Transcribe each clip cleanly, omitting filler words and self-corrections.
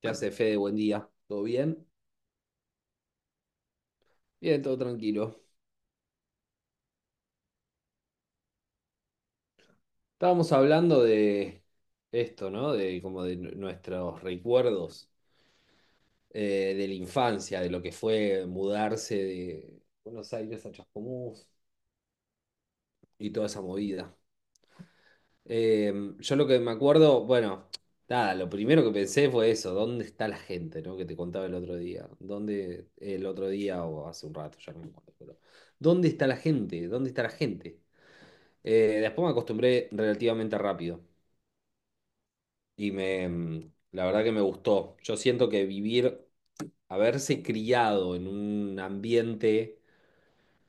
¿Qué hace Fede? Buen día. ¿Todo bien? Bien, todo tranquilo. Estábamos hablando de esto, ¿no? De como de nuestros recuerdos, de la infancia, de lo que fue mudarse de Buenos Aires a Chascomús y toda esa movida. Eh, yo lo que me acuerdo, bueno, nada, lo primero que pensé fue eso, ¿dónde está la gente?, ¿no? Que te contaba el otro día. ¿Dónde? El otro día o hace un rato, ya no me acuerdo, pero ¿dónde está la gente? ¿Dónde está la gente? Después me acostumbré relativamente rápido y me, la verdad que me gustó. Yo siento que vivir, haberse criado en un ambiente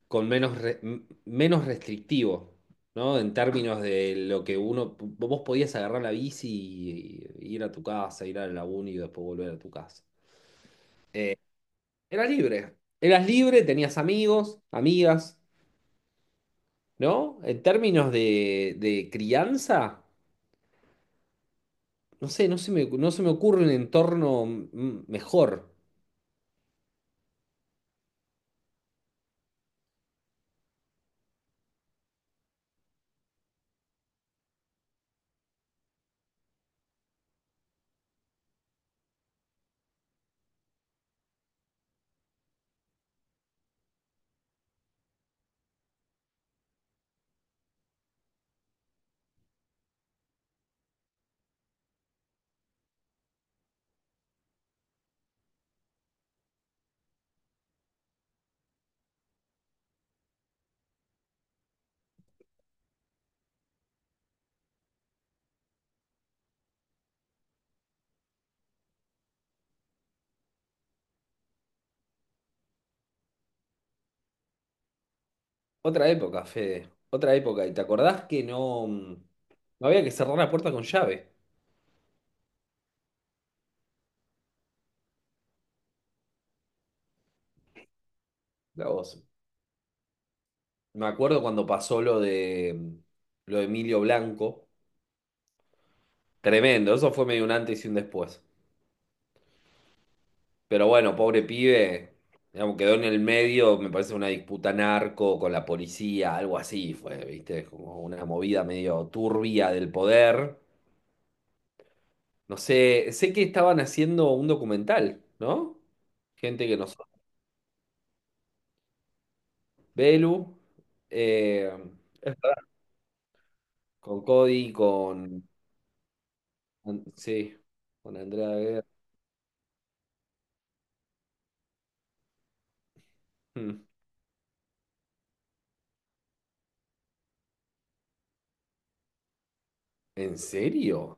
con menos, menos restrictivo, ¿no? En términos de lo que uno, vos podías agarrar la bici y ir a tu casa, ir a la uni y después volver a tu casa. Eras libre. Eras libre, tenías amigos, amigas, ¿no? En términos de crianza. No sé, no se me, no se me ocurre un entorno mejor. Otra época, Fede. Otra época. ¿Y te acordás que no, no había que cerrar la puerta con llave? La voz. Me acuerdo cuando pasó lo de Emilio Blanco. Tremendo, eso fue medio un antes y un después. Pero bueno, pobre pibe, digamos, quedó en el medio, me parece una disputa narco con la policía, algo así fue, ¿viste? Como una movida medio turbia del poder. No sé, sé que estaban haciendo un documental, ¿no? Gente que nos... Belu, eh, con Cody, con... Sí, con Andrea Guerra. Hmm. ¿En serio?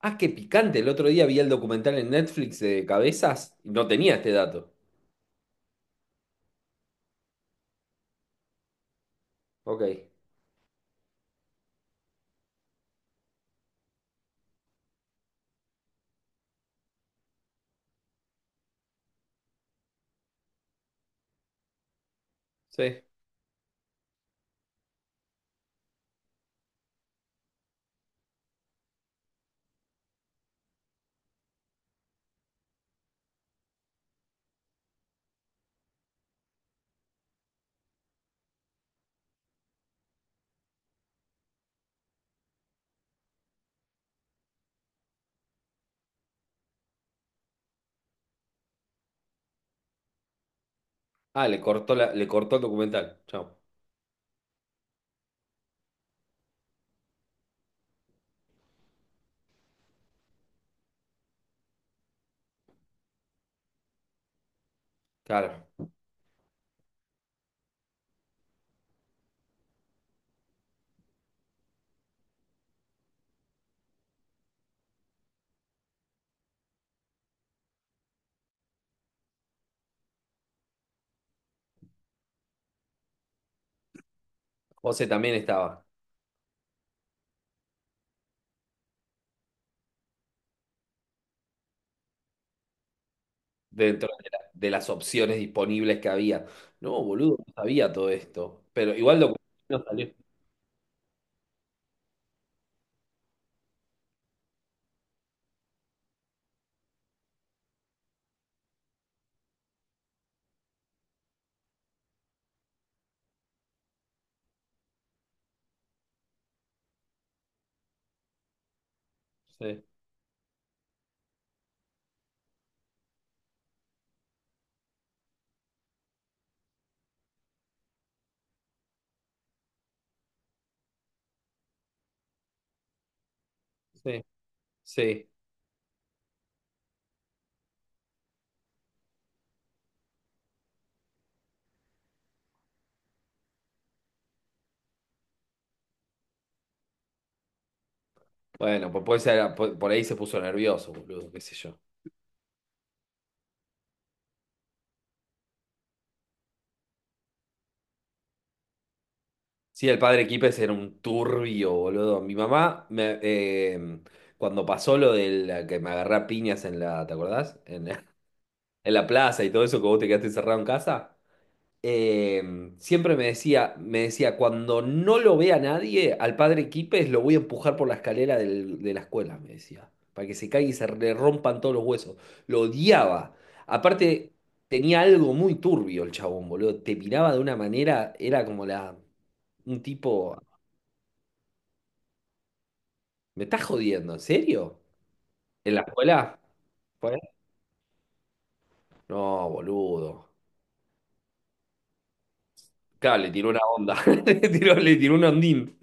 Ah, qué picante. El otro día vi el documental en Netflix de Cabezas y no tenía este dato. Ok, sí. Ah, le cortó, le cortó el documental. Chao. Claro. José también estaba. Dentro de las opciones disponibles que había. No, boludo, no sabía todo esto. Pero igual lo no salió. Sí, sí, sí. Bueno, pues puede ser, por ahí se puso nervioso, boludo, qué sé yo. Sí, el padre Kipes era un turbio, boludo. Mi mamá, cuando pasó lo de la que me agarré a piñas en la, ¿te acordás? En en la plaza y todo eso, que vos te quedaste encerrado en casa. Eh, siempre me decía, cuando no lo vea nadie, al padre Quipes lo voy a empujar por la escalera de la escuela, me decía, para que se caiga y se le rompan todos los huesos. Lo odiaba. Aparte, tenía algo muy turbio el chabón, boludo. Te miraba de una manera, era como un tipo, ¿me estás jodiendo? ¿En serio? ¿En la escuela? ¿Fue? No, boludo. Claro, le tiró una onda. Le tiró un ondín.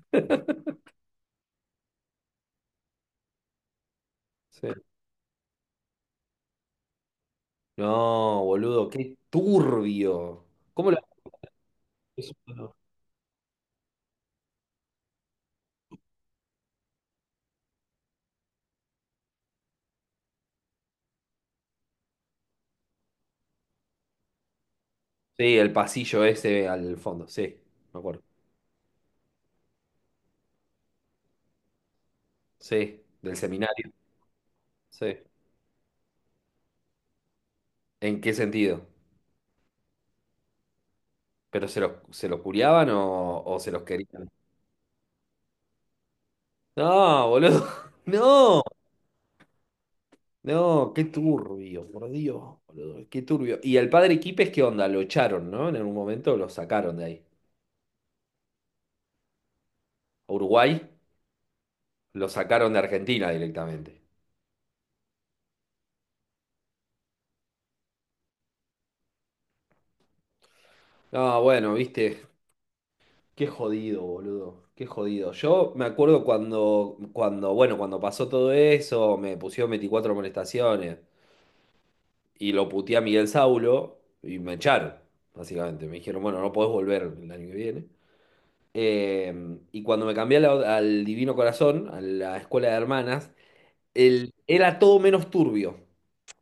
Sí. No, boludo, qué turbio. ¿Cómo lo... Sí, el pasillo ese al fondo, sí, me acuerdo. Sí, del seminario, sí. ¿En qué sentido? ¿Pero se los curiaban o, se los querían? No, boludo, no, no, qué turbio, por Dios, boludo, qué turbio. ¿Y el padre Quipes qué onda? Lo echaron, ¿no? En algún momento lo sacaron de ahí. A Uruguay lo sacaron de Argentina directamente. No, bueno, viste. Qué jodido, boludo. Qué jodido. Yo me acuerdo bueno, cuando pasó todo eso, me pusieron 24 molestaciones y lo puteé a Miguel Saulo y me echaron, básicamente. Me dijeron, bueno, no podés volver el año que viene. Eh, y cuando me cambié a al Divino Corazón, a la escuela de hermanas, era todo menos turbio.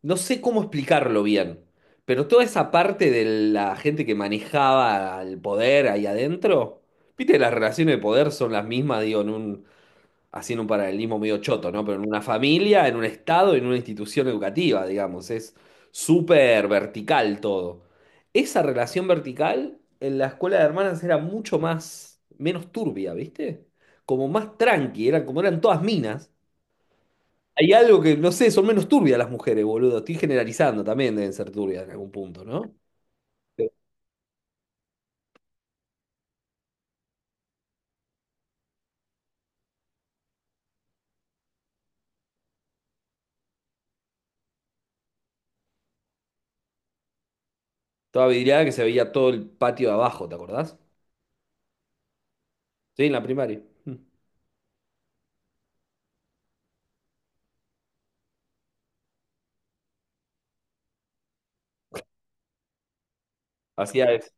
No sé cómo explicarlo bien, pero toda esa parte de la gente que manejaba el poder ahí adentro, viste, las relaciones de poder son las mismas, digo, en un, haciendo un paralelismo medio choto, ¿no? Pero en una familia, en un estado, en una institución educativa, digamos, es súper vertical todo. Esa relación vertical en la escuela de hermanas era mucho más, menos turbia, ¿viste? Como más tranqui, eran como eran todas minas. Hay algo que, no sé, son menos turbias las mujeres, boludo. Estoy generalizando también, deben ser turbias en algún punto, ¿no? Sí. Toda vidriada que se veía todo el patio de abajo, ¿te acordás? Sí, en la primaria. Mm. Hacía eso.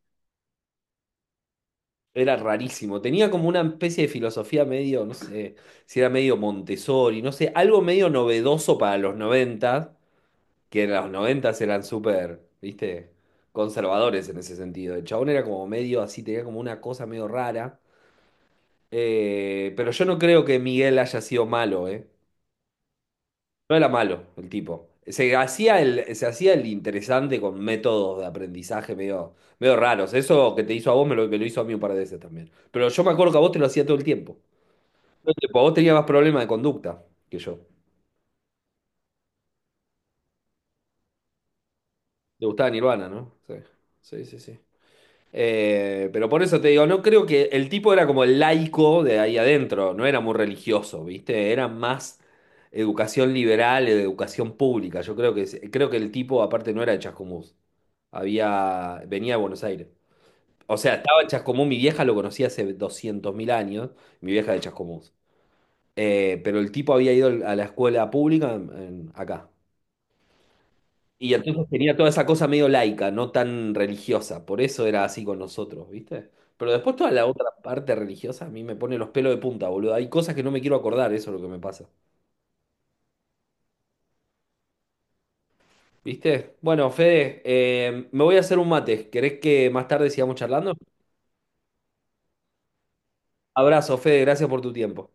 Era rarísimo. Tenía como una especie de filosofía medio, no sé, si era medio Montessori, no sé, algo medio novedoso para los 90, que en los 90 eran súper, viste, conservadores en ese sentido. El chabón era como medio así, tenía como una cosa medio rara. Pero yo no creo que Miguel haya sido malo, ¿eh? No era malo el tipo. Se hacía el interesante con métodos de aprendizaje medio, medio raros. Eso que te hizo a vos me lo hizo a mí un par de veces también. Pero yo me acuerdo que a vos te lo hacía todo el tiempo. Todo el tiempo. Vos tenías más problemas de conducta que yo. Te gustaba Nirvana, ¿no? Sí, sí, sí, sí. Pero por eso te digo, no creo que el tipo era como el laico de ahí adentro, no era muy religioso, ¿viste? Era más educación liberal, educación pública. Yo creo que, el tipo aparte no era de Chascomús. Había, venía de Buenos Aires. O sea, estaba en Chascomús, mi vieja lo conocía hace 200.000 años, mi vieja de Chascomús. Pero el tipo había ido a la escuela pública acá. Y entonces tenía toda esa cosa medio laica, no tan religiosa. Por eso era así con nosotros, ¿viste? Pero después toda la otra parte religiosa a mí me pone los pelos de punta, boludo. Hay cosas que no me quiero acordar, eso es lo que me pasa. ¿Viste? Bueno, Fede, me voy a hacer un mate. ¿Querés que más tarde sigamos charlando? Abrazo, Fede, gracias por tu tiempo.